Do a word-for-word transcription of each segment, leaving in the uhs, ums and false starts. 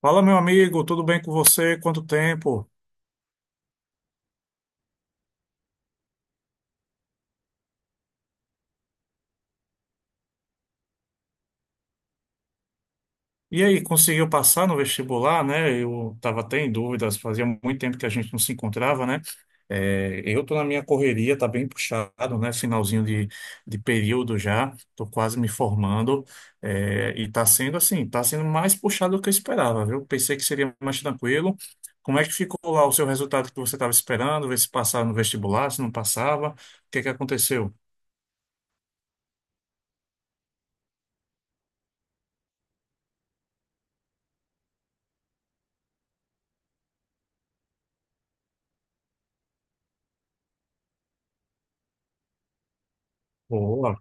Fala, meu amigo, tudo bem com você? Quanto tempo? E aí, conseguiu passar no vestibular, né? Eu estava até em dúvidas, fazia muito tempo que a gente não se encontrava, né? É, eu tô na minha correria, tá bem puxado, né? Finalzinho de, de período já, tô quase me formando, é, e tá sendo assim, tá sendo mais puxado do que eu esperava, viu? Pensei que seria mais tranquilo. Como é que ficou lá o seu resultado que você estava esperando? Ver se passava no vestibular, se não passava, o que que aconteceu? Boa.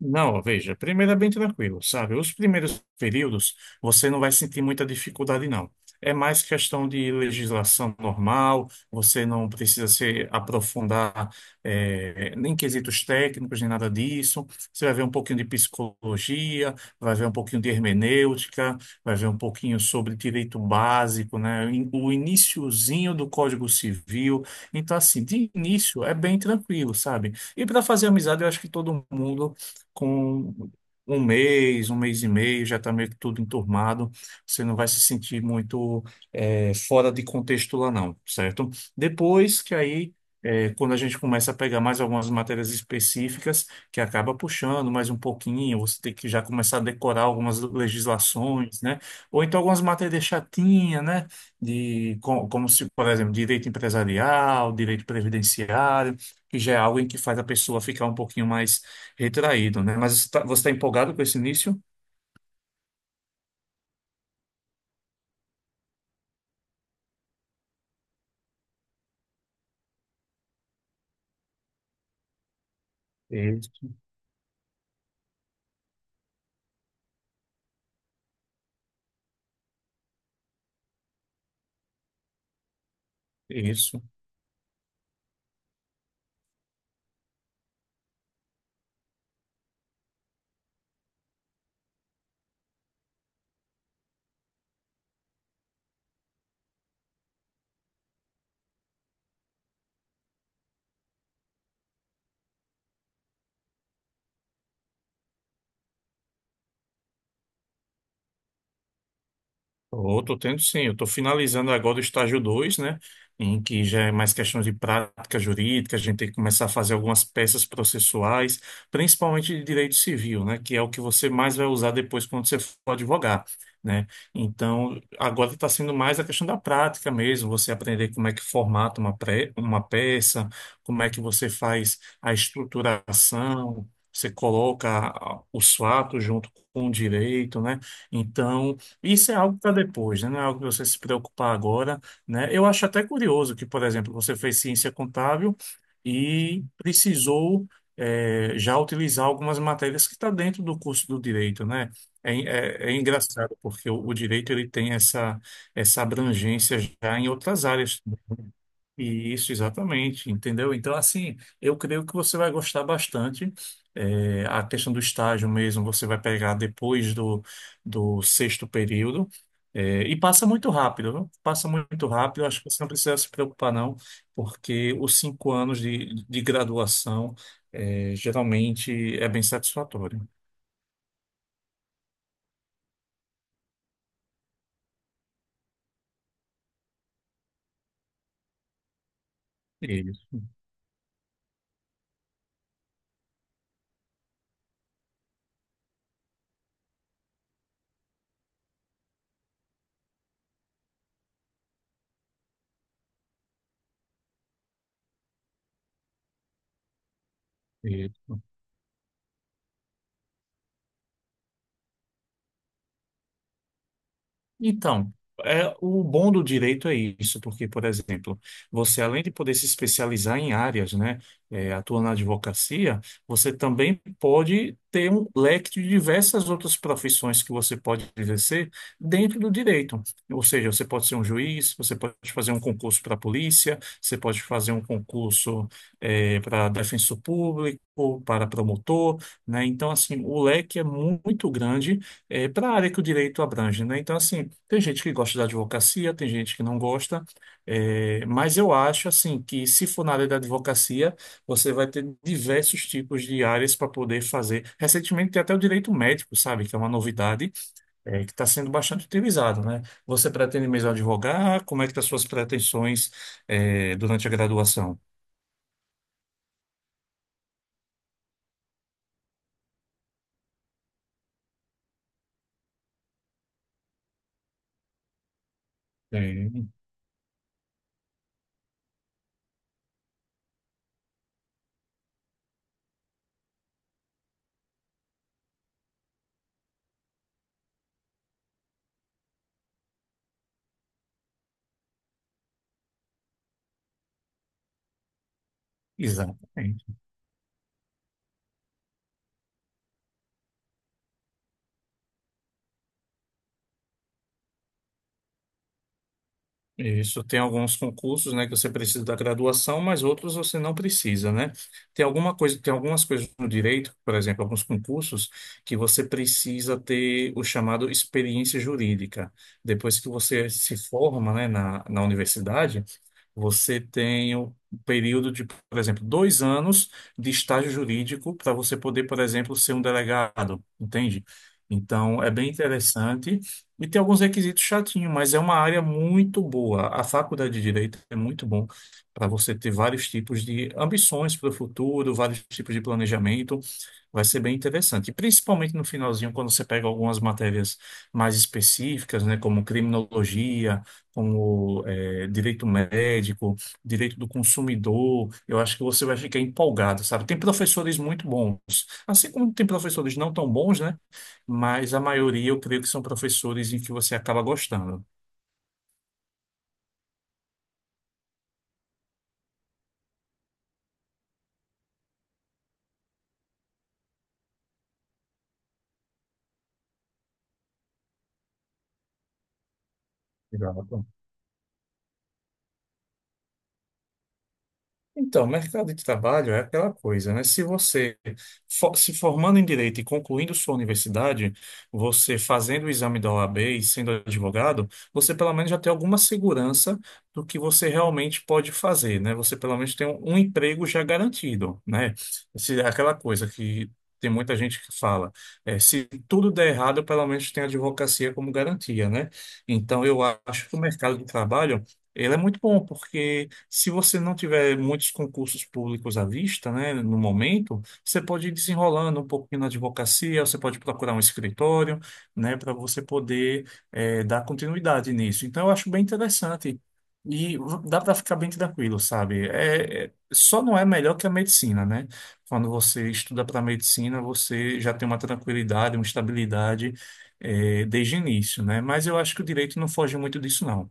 Não, veja, primeiro é bem tranquilo, sabe? Os primeiros períodos você não vai sentir muita dificuldade, não. É mais questão de legislação normal, você não precisa se aprofundar eh, nem em quesitos técnicos, nem nada disso. Você vai ver um pouquinho de psicologia, vai ver um pouquinho de hermenêutica, vai ver um pouquinho sobre direito básico, né? In- O iniciozinho do Código Civil. Então, assim, de início é bem tranquilo, sabe? E para fazer amizade, eu acho que todo mundo com um mês, um mês e meio, já está meio que tudo enturmado. Você não vai se sentir muito eh, fora de contexto lá, não, certo? Depois que aí. eh, quando a gente começa a pegar mais algumas matérias específicas, que acaba puxando mais um pouquinho, você tem que já começar a decorar algumas legislações, né? Ou então algumas matérias chatinhas, né? De, co- como se, por exemplo, direito empresarial, direito previdenciário, que já é algo em que faz a pessoa ficar um pouquinho mais retraído, né? Mas você está empolgado com esse início? Isso, isso. Estou, tô tendo sim. Eu estou finalizando agora o estágio dois, né? Em que já é mais questão de prática jurídica, a gente tem que começar a fazer algumas peças processuais, principalmente de direito civil, né? Que é o que você mais vai usar depois quando você for advogar, né? Então, agora está sendo mais a questão da prática mesmo, você aprender como é que formata uma, pré, uma peça, como é que você faz a estruturação, você coloca os fatos junto com o direito, né? Então. Isso é algo para depois, né? Não é algo para você se preocupar agora, né? Eu acho até curioso que, por exemplo, você fez ciência contábil e precisou eh, já utilizar algumas matérias que está dentro do curso do direito, né? É, é- é engraçado porque o, o direito ele tem essa essa abrangência já em outras áreas isso, exatamente, entendeu? Então, assim, eu creio que você vai gostar bastante. É, a questão do estágio mesmo, você vai pegar depois do, do sexto período. É, e passa muito rápido, viu? Passa muito rápido. Acho que você não precisa se preocupar, não, porque os cinco anos de, de graduação, é, geralmente é bem satisfatório. Isso, isso. Então, é, o bom do direito é isso, porque, por exemplo, você além de poder se especializar em áreas, né, é, atua na advocacia, você também pode ter um leque de diversas outras profissões que você pode exercer dentro do direito. Ou seja, você pode ser um juiz, você pode fazer um concurso para a polícia, você pode fazer um concurso, é, para defensor público, para promotor, né? Então, assim, o leque é mu- muito grande é, para a área que o direito abrange, né? Então, assim, tem gente que gosta da advocacia, tem gente que não gosta, é, mas eu acho, assim, que se for na área da advocacia, você vai ter diversos tipos de áreas para poder fazer. Recentemente, tem até o direito médico, sabe? Que é uma novidade, é, que está sendo bastante utilizado, né? Você pretende mesmo advogar? Como é que estão as suas pretensões, é, durante a graduação? Tem. Exato. Isso, tem alguns concursos, né, que você precisa da graduação, mas outros você não precisa, né? Tem alguma coisa, tem algumas coisas no direito, por exemplo, alguns concursos que você precisa ter o chamado experiência jurídica. Depois que você se forma, né, na, na universidade, você tem um período de, por exemplo, dois anos de estágio jurídico para você poder, por exemplo, ser um delegado, entende? Então, é bem interessante. E tem alguns requisitos chatinhos, mas é uma área muito boa. A faculdade de Direito é muito bom para você ter vários tipos de ambições para o futuro, vários tipos de planejamento. Vai ser bem interessante. E principalmente no finalzinho, quando você pega algumas matérias mais específicas, né, como criminologia, como eh, direito médico, direito do consumidor, eu acho que você vai ficar empolgado, sabe? Tem professores muito bons, assim como tem professores não tão bons, né? Mas a maioria eu creio que são professores em que você acaba gostando. Exato. Então, mercado de trabalho é aquela coisa, né? Se você, fo- se formando em direito e concluindo sua universidade, você fazendo o exame da O A B e sendo advogado, você pelo menos já tem alguma segurança do que você realmente pode fazer, né? Você pelo menos tem um, um emprego já garantido, né? Se, é aquela coisa que tem muita gente que fala, é, se tudo der errado, pelo menos tem a advocacia como garantia, né? Então, eu acho que o mercado de trabalho ele é muito bom, porque se você não tiver muitos concursos públicos à vista, né, no momento, você pode ir desenrolando um pouquinho na advocacia, você pode procurar um escritório, né, para você poder eh, dar continuidade nisso. Então, eu acho bem interessante. E v- dá para ficar bem tranquilo, sabe? É, é- só não é melhor que a medicina, né? Quando você estuda para medicina, você já tem uma tranquilidade, uma estabilidade eh, desde o início, né? Mas eu acho que o direito não foge muito disso, não.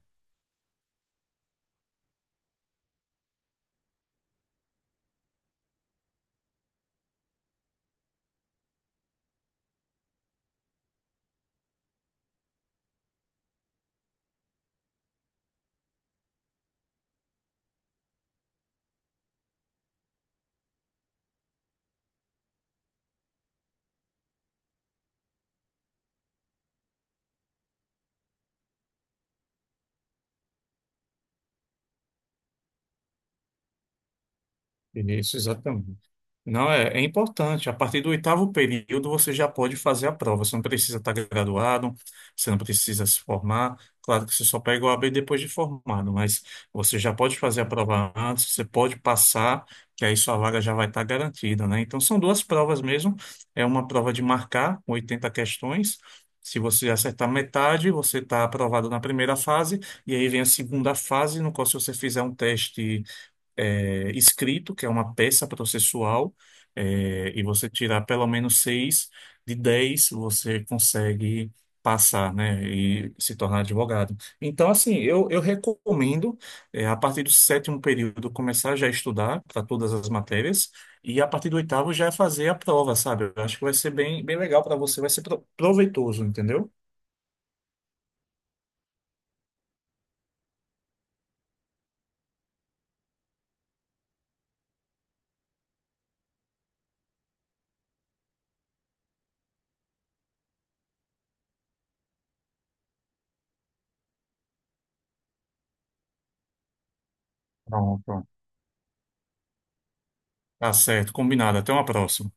Isso, exatamente. Não, é, é importante. A partir do oitavo período, você já pode fazer a prova. Você não precisa estar graduado, você não precisa se formar. Claro que você só pega o A B depois de formado, mas você já pode fazer a prova antes, você pode passar, que aí sua vaga já vai estar garantida, né? Então, são duas provas mesmo. É uma prova de marcar, com oitenta questões. Se você acertar metade, você está aprovado na primeira fase, e aí vem a segunda fase, no qual, se você fizer um teste é, escrito, que é uma peça processual, é, e você tirar pelo menos seis de dez, você consegue passar, né, e se tornar advogado. Então, assim, eu, eu recomendo, é, a partir do sétimo período, começar já a estudar para todas as matérias, e a partir do oitavo já fazer a prova, sabe? Eu acho que vai ser bem, bem legal para você, vai ser pro- proveitoso, entendeu? Pronto. Tá certo, combinado. Até uma próxima.